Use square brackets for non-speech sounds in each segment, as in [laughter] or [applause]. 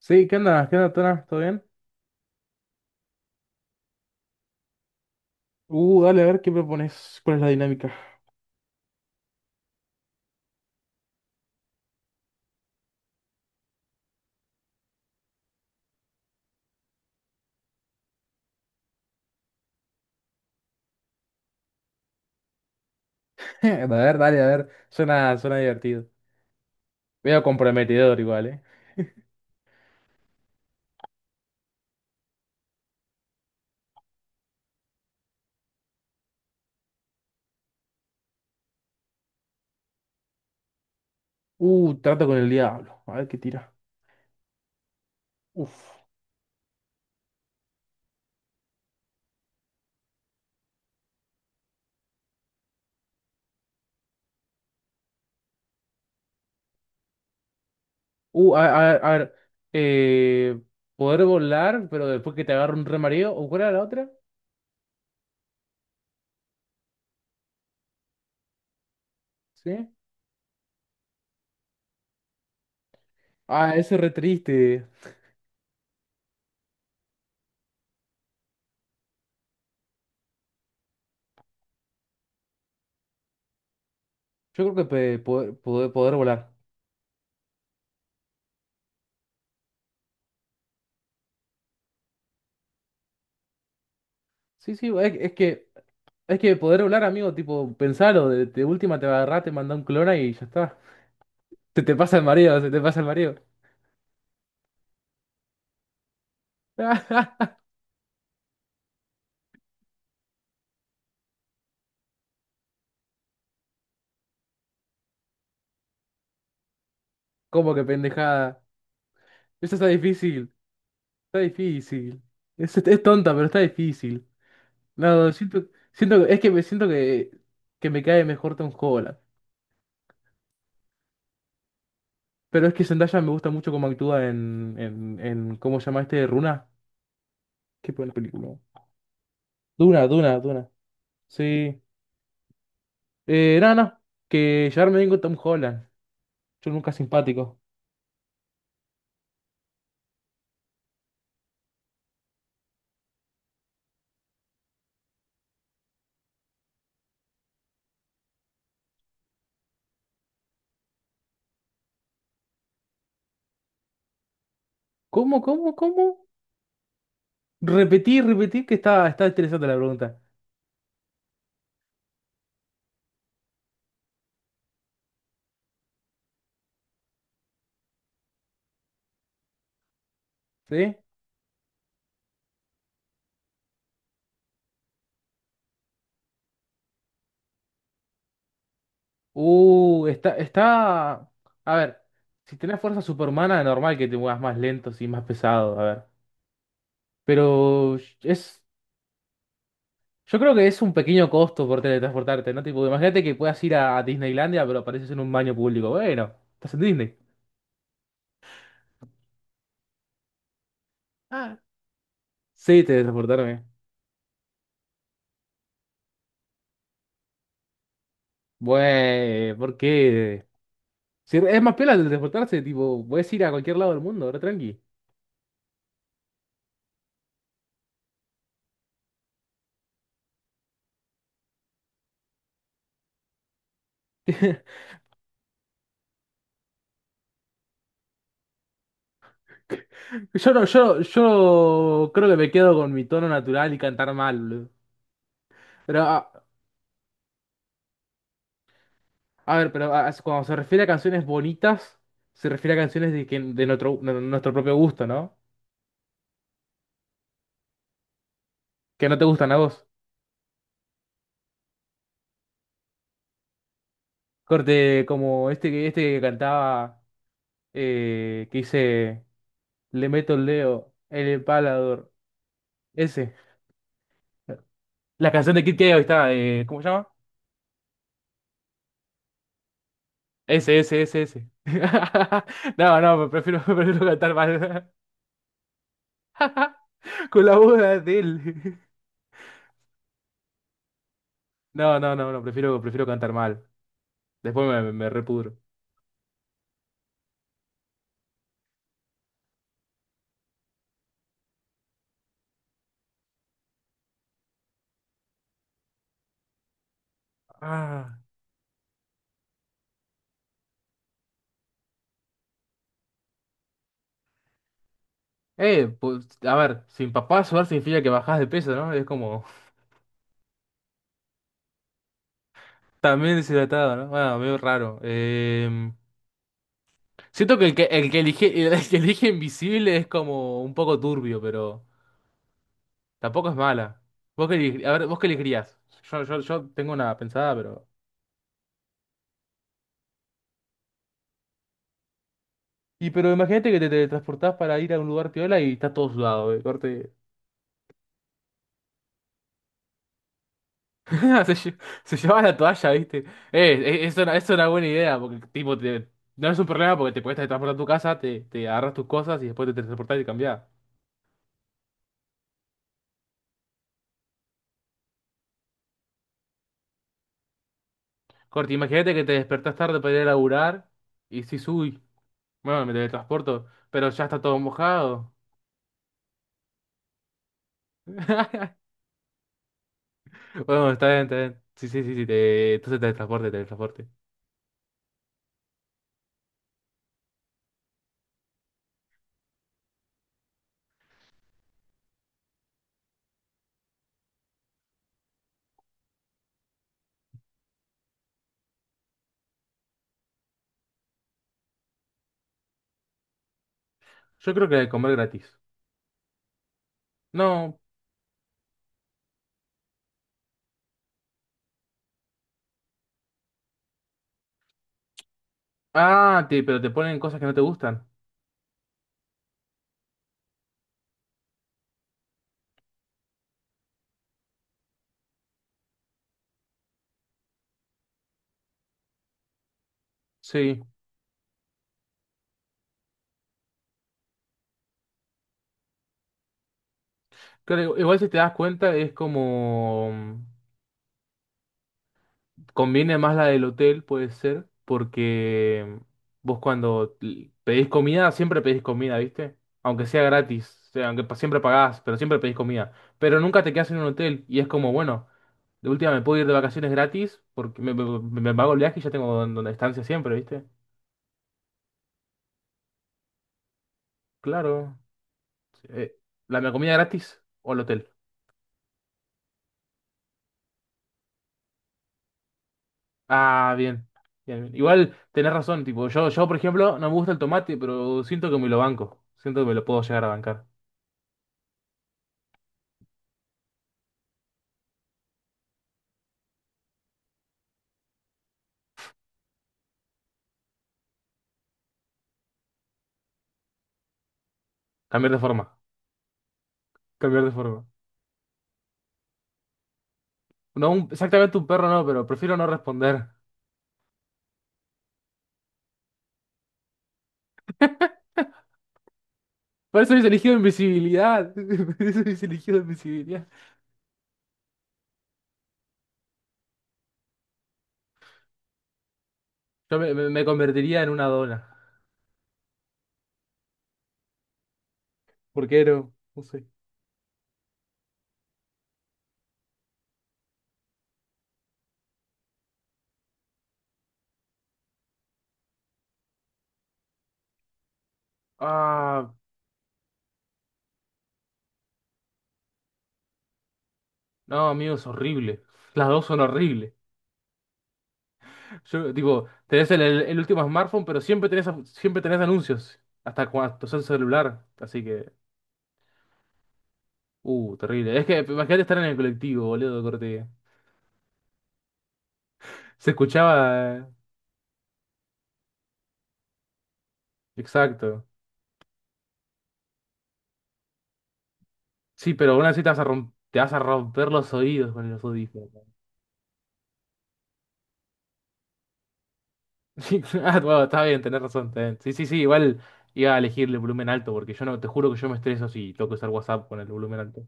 Sí, ¿qué onda? ¿Qué onda, Tona? ¿Todo bien? Dale, a ver qué propones. ¿Cuál es la dinámica? [laughs] A ver, dale, a ver. Suena divertido. Medio comprometedor igual, ¿eh? Trato con el diablo. A ver qué tira. Uf. Uh, a, a ver. Eh, Poder volar, pero después que te agarre un remareo. ¿O cuál era la otra? ¿Sí? Ah, ese es re triste. Yo creo que poder volar. Sí, sí, es que. Es que poder volar, amigo, tipo, pensalo, de última te va a agarrar, te manda un clona y ya está. Se te pasa el mareo, se te pasa el mareo. [laughs] ¿Cómo que pendejada? Eso está difícil. Está difícil. Es tonta, pero está difícil. No, siento, siento, es que me siento que me cae mejor Tom Holland. Pero es que Zendaya me gusta mucho cómo actúa en ¿cómo se llama este? Runa. Qué buena película. Duna, Duna, Duna. Sí. No, no. Que llevarme bien con Tom Holland. Yo nunca simpático. ¿Cómo, cómo, cómo? Repetí, repetí que está interesante la pregunta. ¿Sí? Está. A ver, si tenés fuerza superhumana, es normal que te muevas más lento y más pesado, a ver. Pero es. Yo creo que es un pequeño costo por teletransportarte, ¿no? Tipo, imagínate que puedas ir a Disneylandia, pero apareces en un baño público. Bueno, estás en Disney. Ah, sí, teletransportarme. Bueno, ¿por qué? Si es más piola teletransportarse, tipo, puedes ir a cualquier lado del mundo, ahora tranqui. [laughs] Yo no, yo creo que me quedo con mi tono natural y cantar mal, boludo. Pero, a, a ver, pero a- cuando se refiere a canciones bonitas, se refiere a canciones de nuestro propio gusto, ¿no? Que no te gustan a vos. Corte como este que cantaba, que dice, le meto el dedo, en el palador. Ese. La canción de Kid Keo está, ¿cómo se llama? Ese, ese, ese, ese. [laughs] No, no, prefiero, [laughs] prefiero cantar mal. [laughs] Con la voz de él. [laughs] No, no, no, no, prefiero, prefiero cantar mal. Después me, me repudro. Ah. Pues, a ver, sin papá sudar significa que bajás de peso, ¿no? Es como [laughs] también deshidratado, ¿no? Bueno, medio raro. Siento que el que, el que elige, [laughs] el que elige invisible es como un poco turbio, pero tampoco es mala. Vos que, elige- a ver, vos qué elegirías. Yo tengo una pensada, pero. Y pero imagínate que te transportás para ir a un lugar piola y estás todo sudado, corte. [laughs] Se, lle- se llevaba la toalla, ¿viste? Eso es una buena idea, porque tipo, te- no es un problema porque te puedes transportar a tu casa, te agarras tus cosas y después te transportás y cambiás. Corti, imagínate que te despertás tarde para ir a laburar y decís, uy, bueno, me teletransporto, pero ya está todo mojado. [laughs] Bueno, está bien, está bien. Sí, sí, sí, sí, te... entonces teletransporte, teletransporte. Yo creo que comer gratis. No. Ah, te, pero te ponen cosas que no te gustan. Sí. Claro, igual si te das cuenta es como... Conviene más la del hotel, puede ser, porque vos cuando l- pedís comida, siempre pedís comida, ¿viste? Aunque sea gratis, o sea, aunque pa- siempre pagás, pero siempre pedís comida. Pero nunca te quedás en un hotel y es como, bueno, de última me puedo ir de vacaciones gratis porque me- me- me pago el viaje y ya tengo don- donde estancia siempre, ¿viste? Claro. Sí, ¿la comida gratis o el hotel? Ah, bien. Bien, bien. Igual tenés razón, tipo, yo por ejemplo no me gusta el tomate, pero siento que me lo banco, siento que me lo puedo llegar a bancar. Cambiar de forma. Cambiar de forma. No, un- exactamente un perro no, pero prefiero no responder. Por eso hubiese elegido invisibilidad. [laughs] Por eso hubiese elegido invisibilidad. Yo me, me- me convertiría en una dona. ¿Por qué no? No sé. Ah, no, amigo, es horrible. Las dos son horribles. Yo, tipo, tenés el último smartphone, pero siempre tenés anuncios. Hasta cuando sos el celular. Así que, terrible. Es que imagínate estar en el colectivo, boludo, corte. Se escuchaba. Exacto. Sí, pero aún así te vas a romper, te vas a romper los oídos con los audífonos. [laughs] Sí, ah, bueno, está bien, tenés razón, tenés- Sí, sí, sí, igual iba a elegir el volumen alto, porque yo no, te juro que yo me estreso si toco usar WhatsApp con el volumen alto.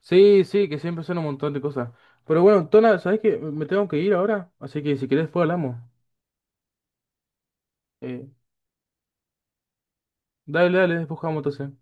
Sí, sí, que siempre son un montón de cosas. Pero bueno, Tona, ¿sabés qué? Me tengo que ir ahora, así que si querés después hablamos. Eh, Dale, dale, después jugamos entonces.